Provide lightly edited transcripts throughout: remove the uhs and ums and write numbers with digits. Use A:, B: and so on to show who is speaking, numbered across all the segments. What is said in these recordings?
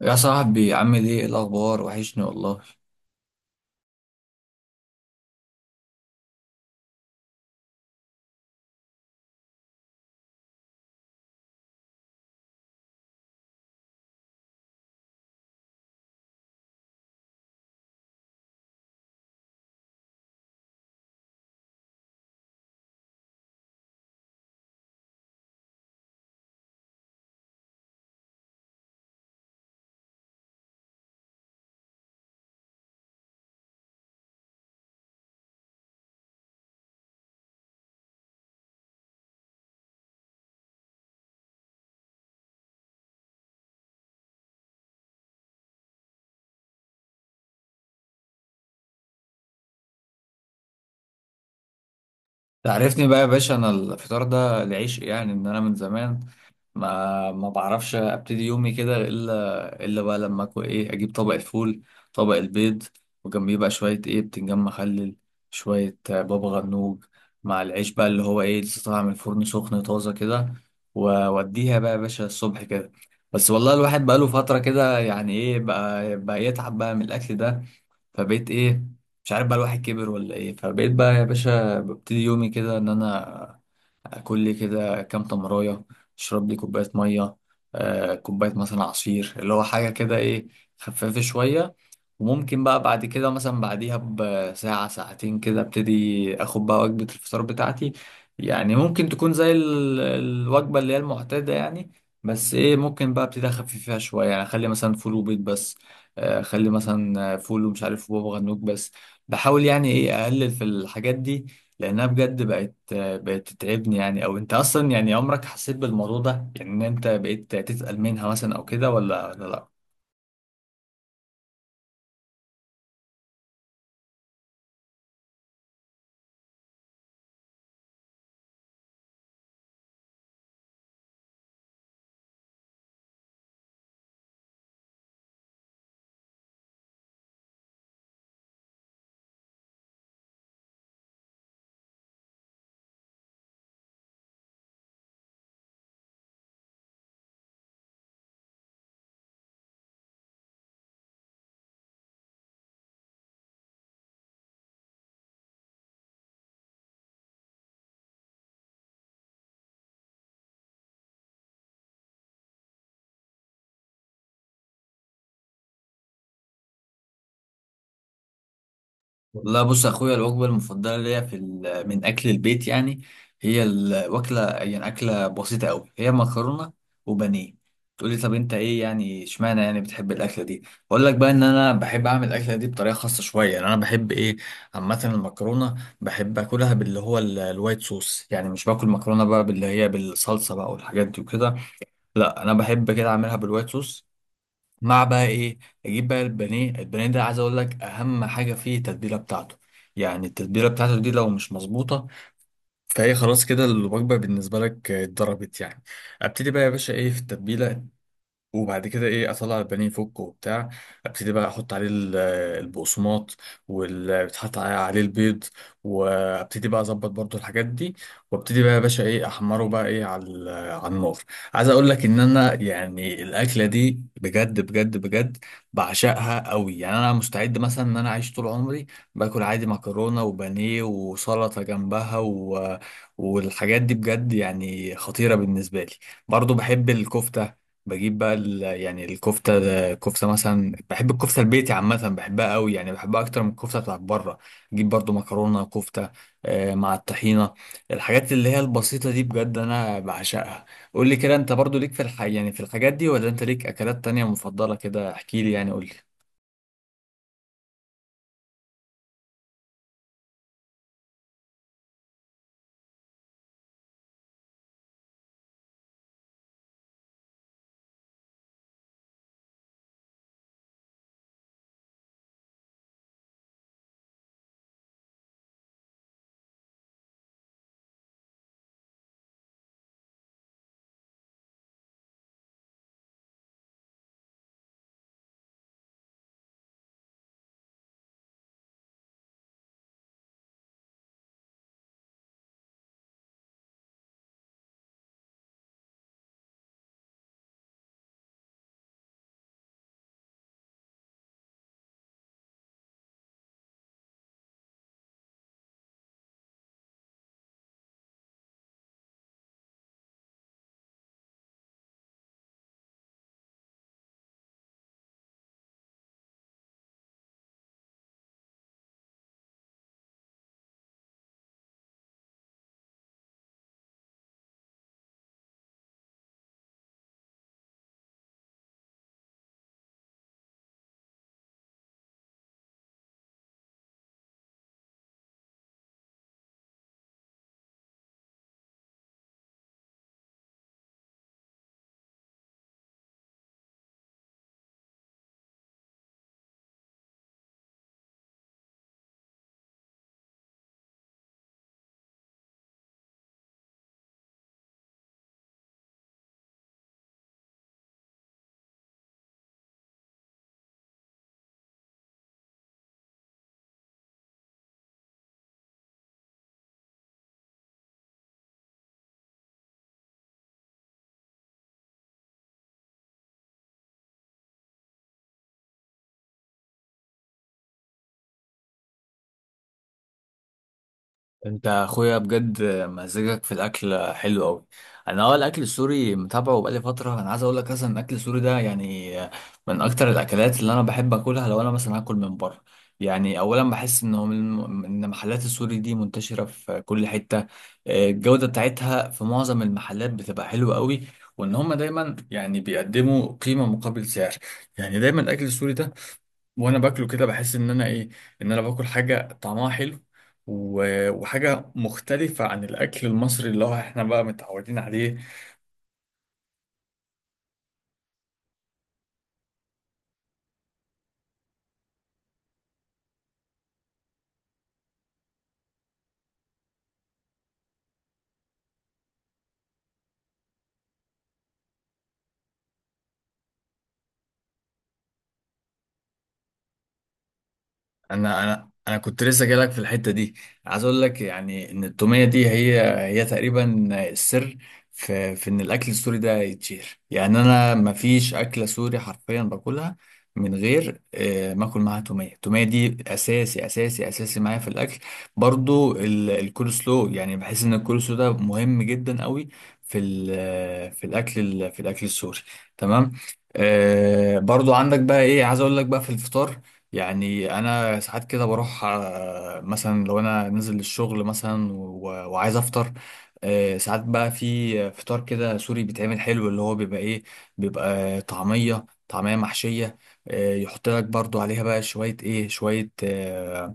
A: يا صاحبي، عامل ايه؟ إيه الاخبار؟ وحشني والله. تعرفني بقى يا باشا، انا الفطار ده، العيش يعني، ان انا من زمان ما بعرفش ابتدي يومي كده الا بقى لما اكل ايه، اجيب طبق الفول، طبق البيض، وجنبيه بقى شويه ايه، بتنجان مخلل، شويه بابا غنوج، مع العيش بقى اللي هو ايه لسه طالع من الفرن سخن طازه كده، ووديها بقى يا باشا الصبح كده. بس والله الواحد بقى له فتره كده يعني ايه، بقى يتعب بقى من الاكل ده. فبقيت ايه، مش عارف، بقى الواحد كبر ولا ايه، فبقيت بقى يا باشا ببتدي يومي كده ان انا كل كده كام تمراية، اشرب لي كوباية مية، كوباية مثلا عصير اللي هو حاجة كده ايه، خفافة شوية. وممكن بقى بعد كده مثلا بعديها بساعة ساعتين كده ابتدي اخد بقى وجبة الفطار بتاعتي. يعني ممكن تكون زي الوجبة اللي هي المعتادة يعني، بس ايه، ممكن بقى ابتدي اخفف فيها شوية، يعني اخلي مثلا فول وبيض بس، اخلي مثلا فول ومش عارف بابا غنوج بس. بحاول يعني ايه اقلل في الحاجات دي لانها بجد بقت تتعبني يعني. او انت اصلا يعني عمرك حسيت بالموضوع ده، يعني ان انت بقيت تسأل منها مثلا او كده، ولا لا؟ لا بص يا اخويا، الوجبه المفضله ليا في من اكل البيت يعني، هي الوكله يعني اكله بسيطه قوي، هي مكرونه وبانيه. تقول لي طب انت ايه يعني، اشمعنى يعني بتحب الاكله دي؟ اقول لك بقى ان انا بحب اعمل الاكله دي بطريقه خاصه شويه، يعني انا بحب ايه، عامه المكرونه بحب اكلها باللي هو الوايت صوص، يعني مش باكل مكرونه بقى باللي هي بالصلصه بقى والحاجات دي وكده، لا انا بحب كده اعملها بالوايت صوص. مع بقى ايه، اجيب بقى البانيه، البانيه ده عايز اقول لك اهم حاجه فيه التتبيله بتاعته. يعني التتبيله بتاعته دي لو مش مظبوطه فهي خلاص كده الوجبه بالنسبه لك اتضربت يعني. ابتدي بقى يا باشا ايه في التتبيله، وبعد كده ايه اطلع البانيه فوق وبتاع، ابتدي بقى احط عليه البقسماط، واللي بيتحط عليه البيض، وابتدي بقى اظبط برضو الحاجات دي، وابتدي بقى يا باشا ايه احمره بقى ايه على على النار. عايز اقول لك ان انا يعني الاكله دي بجد بجد بجد بعشقها قوي، يعني انا مستعد مثلا ان انا اعيش طول عمري باكل عادي مكرونه وبانيه وسلطه جنبها و... والحاجات دي بجد يعني خطيره بالنسبه لي. برضو بحب الكفته، بجيب بقى يعني الكفته، الكفته مثلا بحب الكفته البيتي، عامه بحبها قوي، يعني بحبها اكتر من الكفته بتاعت بره، اجيب برضو مكرونه كفته مع الطحينه. الحاجات اللي هي البسيطه دي بجد انا بعشقها. قول لي كده، انت برضو ليك في يعني في الحاجات دي، ولا انت ليك اكلات تانية مفضله كده؟ احكي لي يعني قول لي. انت اخويا بجد مزاجك في الاكل حلو قوي. انا اه الاكل السوري متابعه بقالي فتره. انا عايز اقول لك، اصلا الاكل السوري ده يعني من اكتر الاكلات اللي انا بحب اكلها لو انا مثلا هاكل من بره. يعني اولا بحس ان هو ان محلات السوري دي منتشره في كل حته. الجوده بتاعتها في معظم المحلات بتبقى حلوه قوي، وان هم دايما يعني بيقدموا قيمه مقابل سعر. يعني دايما الاكل السوري ده وانا باكله كده بحس ان انا ايه، ان انا باكل حاجه طعمها حلو، وحاجه مختلفه عن الاكل المصري اللي هو احنا بقى متعودين عليه. انا كنت لسه جايلك في الحته دي. عايز اقول لك يعني ان التوميه دي هي، هي تقريبا السر في ان الاكل السوري ده يتشهر. يعني انا ما فيش اكله سوري حرفيا باكلها من غير ما اكل معاها توميه. التوميه دي اساسي اساسي اساسي معايا في الاكل. برضو الكولسلو يعني بحس ان الكولسلو ده مهم جدا قوي في في الاكل في الاكل السوري، تمام. آه برضو عندك بقى ايه، عايز اقول لك بقى في الفطار، يعني انا ساعات كده بروح مثلا لو انا نازل الشغل مثلا وعايز افطر، ساعات بقى في فطار كده سوري بيتعمل حلو، اللي هو بيبقى ايه، بيبقى طعمية، طعمية محشية، يحط لك برضو عليها بقى شوية ايه، شوية آه،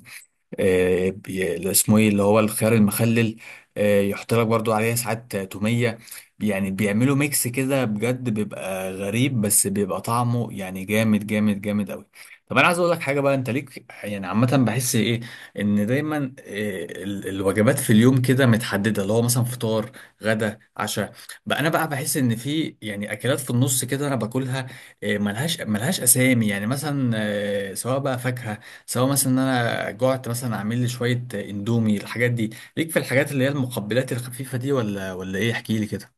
A: آه، اللي اسمه ايه اللي هو الخيار المخلل، يحط لك برضو عليها ساعات تومية. يعني بيعملوا ميكس كده بجد بيبقى غريب، بس بيبقى طعمه يعني جامد جامد جامد قوي. طب انا عايز اقول لك حاجه بقى، انت ليك يعني عامه بحس ايه، ان دايما الوجبات في اليوم كده متحدده، اللي هو مثلا فطار، غدا، عشاء، بقى انا بقى بحس ان في يعني اكلات في النص كده انا باكلها، ملهاش اسامي، يعني مثلا سواء بقى فاكهه، سواء مثلا ان انا جعت مثلا اعمل لي شويه اندومي. الحاجات دي ليك في الحاجات اللي هي المقبلات الخفيفه دي، ولا ايه؟ احكي لي كده.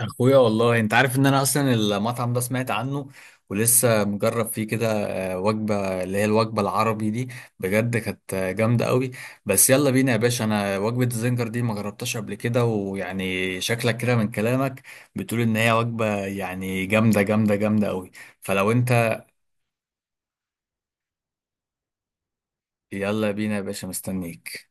A: اخويا والله انت عارف ان انا اصلا المطعم ده سمعت عنه ولسه مجرب فيه كده وجبه اللي هي الوجبه العربي دي، بجد كانت جامده قوي. بس يلا بينا يا باشا، انا وجبه الزنجر دي ما جربتهاش قبل كده، ويعني شكلك كده من كلامك بتقول ان هي وجبه يعني جامده جامده جامده قوي، فلو انت يلا بينا يا باشا، مستنيك.